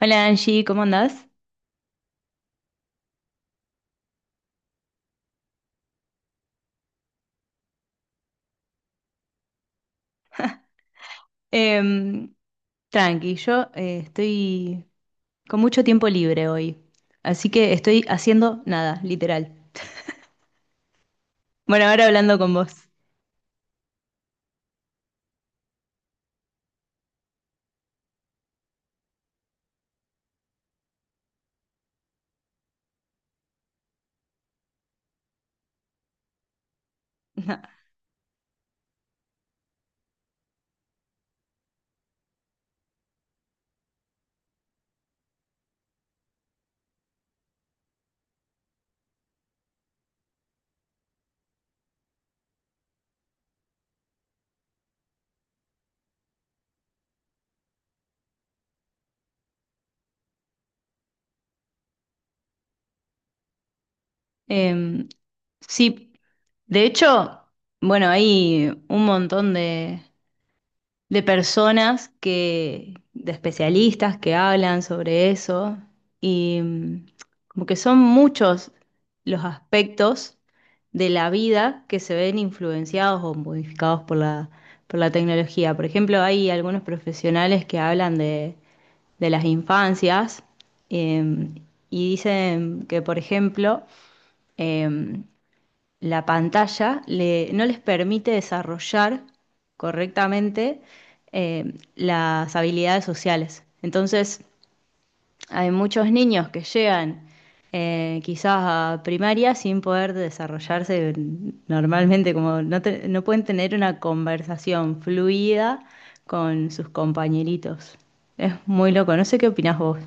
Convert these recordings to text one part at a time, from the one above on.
Hola Angie, ¿cómo andás? Em, Tranqui, yo estoy con mucho tiempo libre hoy, así que estoy haciendo nada, literal. Bueno, ahora hablando con vos. Em, sí, de hecho, bueno, hay un montón de personas de especialistas que hablan sobre eso y como que son muchos los aspectos de la vida que se ven influenciados o modificados por por la tecnología. Por ejemplo, hay algunos profesionales que hablan de las infancias eh, y dicen que, por ejemplo, eh, la no les permite desarrollar correctamente, las habilidades sociales. Entonces, hay muchos niños que llegan, quizás a primaria sin poder desarrollarse normalmente, como no, no pueden tener una conversación fluida con sus compañeritos. Es muy loco, no sé qué opinás vos.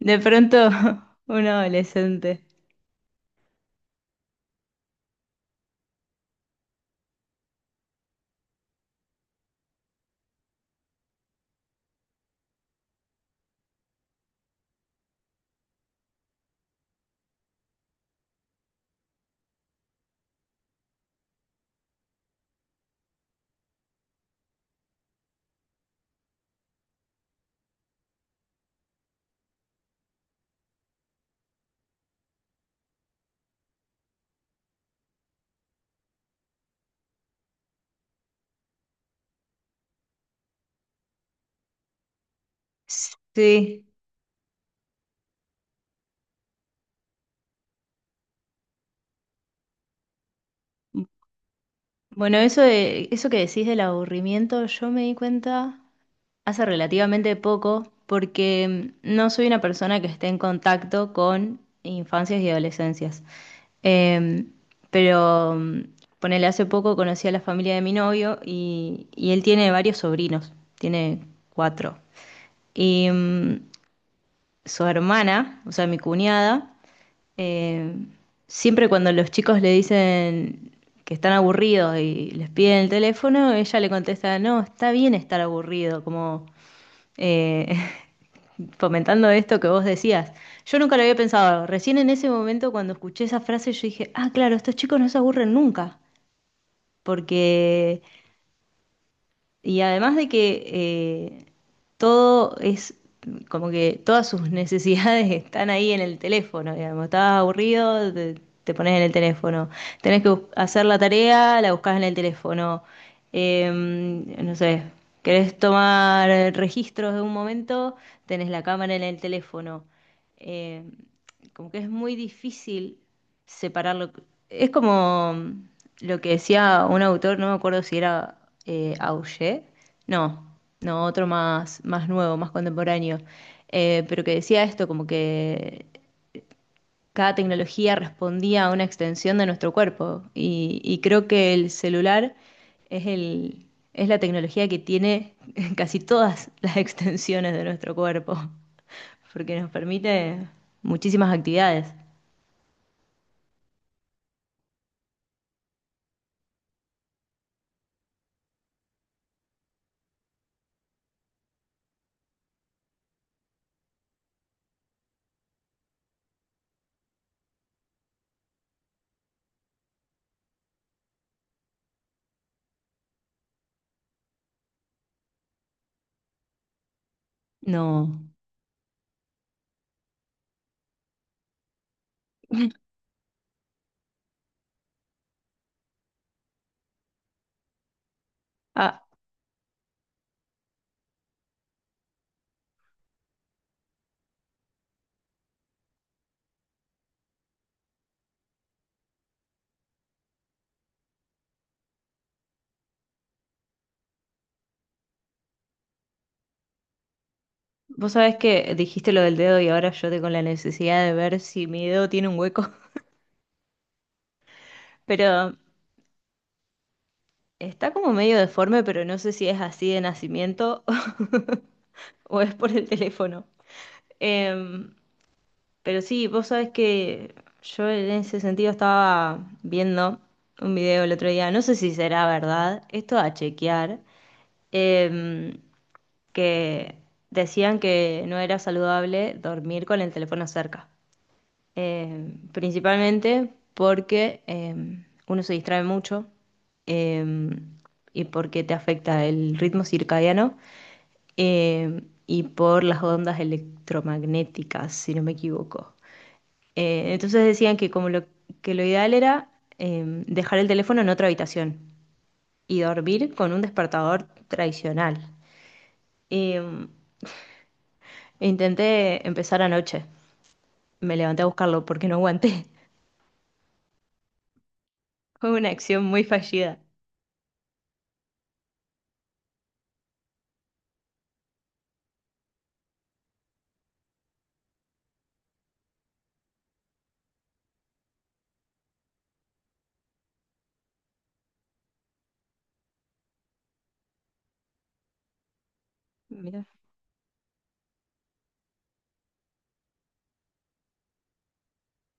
De pronto, un adolescente. Sí. Bueno, eso eso que decís del aburrimiento, yo me di cuenta hace relativamente poco, porque no soy una persona que esté en contacto con infancias y adolescencias. Eh, pero ponele, hace poco conocí a la familia de mi novio y él tiene varios sobrinos, tiene cuatro. Y su hermana, o sea, mi cuñada, eh, siempre cuando los chicos le dicen que están aburridos y les piden el teléfono, ella le contesta, no, está bien estar aburrido, como eh, fomentando esto que vos decías. Yo nunca lo había pensado, recién en ese momento cuando escuché esa frase yo dije, ah, claro, estos chicos no se aburren nunca, porque y además de que todo es como que todas sus necesidades están ahí en el teléfono, digamos, estás aburrido, te pones en el teléfono, tenés que hacer la tarea, la buscas en el teléfono. No sé, querés tomar registros de un momento, tenés la cámara en el teléfono. Eh, Como que es muy difícil separarlo. Es como lo que decía un autor, no me acuerdo si era Auger, no, no, otro más, más nuevo, más contemporáneo, pero que decía esto, como que cada tecnología respondía a una extensión de nuestro cuerpo y creo que el celular es es la tecnología que tiene casi todas las extensiones de nuestro cuerpo, porque nos permite muchísimas actividades. No. Ah, vos sabés que dijiste lo del dedo y ahora yo tengo la necesidad de ver si mi dedo tiene un hueco, pero está como medio deforme, pero no sé si es así de nacimiento o es por el teléfono. Em, pero sí, vos sabés que yo en ese sentido estaba viendo un video el otro día, no sé si será verdad, esto a chequear, em, que decían que no era saludable dormir con el teléfono cerca. Principalmente porque uno se distrae mucho, eh, y porque te afecta el ritmo circadiano, y por las ondas electromagnéticas, si no me equivoco. Entonces decían que como que lo ideal era, dejar el teléfono en otra habitación y dormir con un despertador tradicional. Eh, intenté empezar anoche, me levanté a buscarlo porque no aguanté. Fue una acción muy fallida. Mira,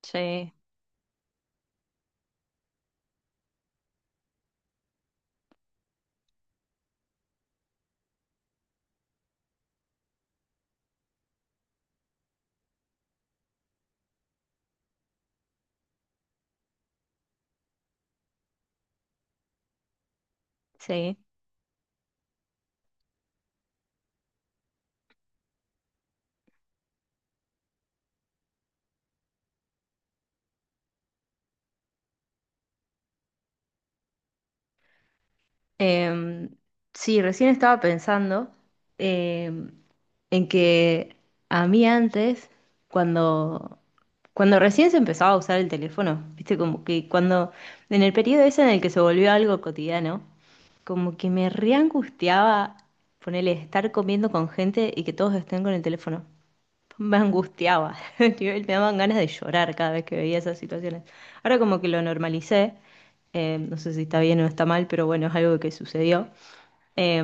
sí, sí. Em, sí, recién estaba pensando, em, en que a mí antes, cuando, cuando recién se empezaba a usar el teléfono, viste, como que cuando, en el periodo ese en el que se volvió algo cotidiano, como que me reangustiaba ponerle estar comiendo con gente y que todos estén con el teléfono. Me angustiaba, nivel, me daban ganas de llorar cada vez que veía esas situaciones. Ahora como que lo normalicé, no sé si está bien o está mal, pero bueno, es algo que sucedió. Eh,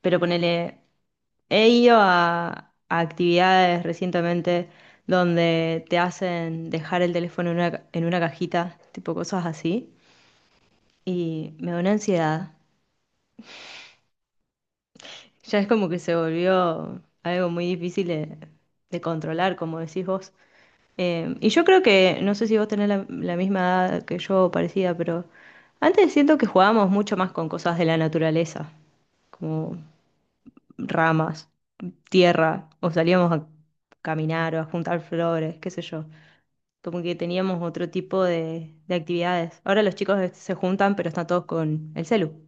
pero ponele, he ido a actividades recientemente donde te hacen dejar el teléfono en una, en una cajita, tipo cosas así, y me da una ansiedad. Ya es como que se volvió algo muy difícil de controlar, como decís vos. Y yo creo que, no sé si vos tenés la misma edad que yo, o parecida, pero antes siento que jugábamos mucho más con cosas de la naturaleza, como ramas, tierra, o salíamos a caminar o a juntar flores, qué sé yo. Como que teníamos otro tipo de actividades. Ahora los chicos se juntan, pero están todos con el celu.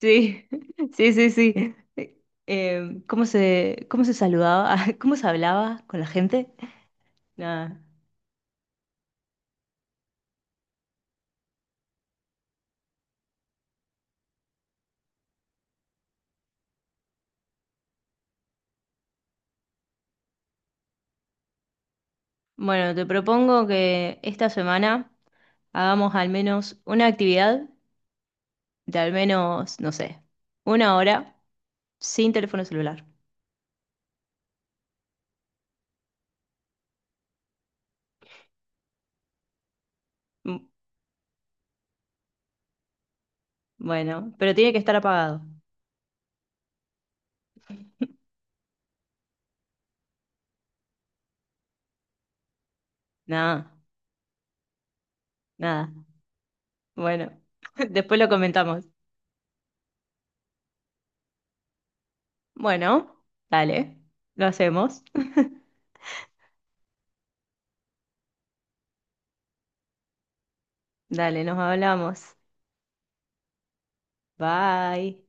Sí, sí, sí, sí. ¿Cómo se saludaba? ¿Cómo se hablaba con la gente? Nada. Bueno, te propongo que esta semana hagamos al menos una actividad de al menos, no sé, una hora sin teléfono celular. Mm, bueno, pero tiene que estar apagado. Nada, nada. Bueno, después lo comentamos. Bueno, dale, lo hacemos. Dale, nos hablamos. Bye.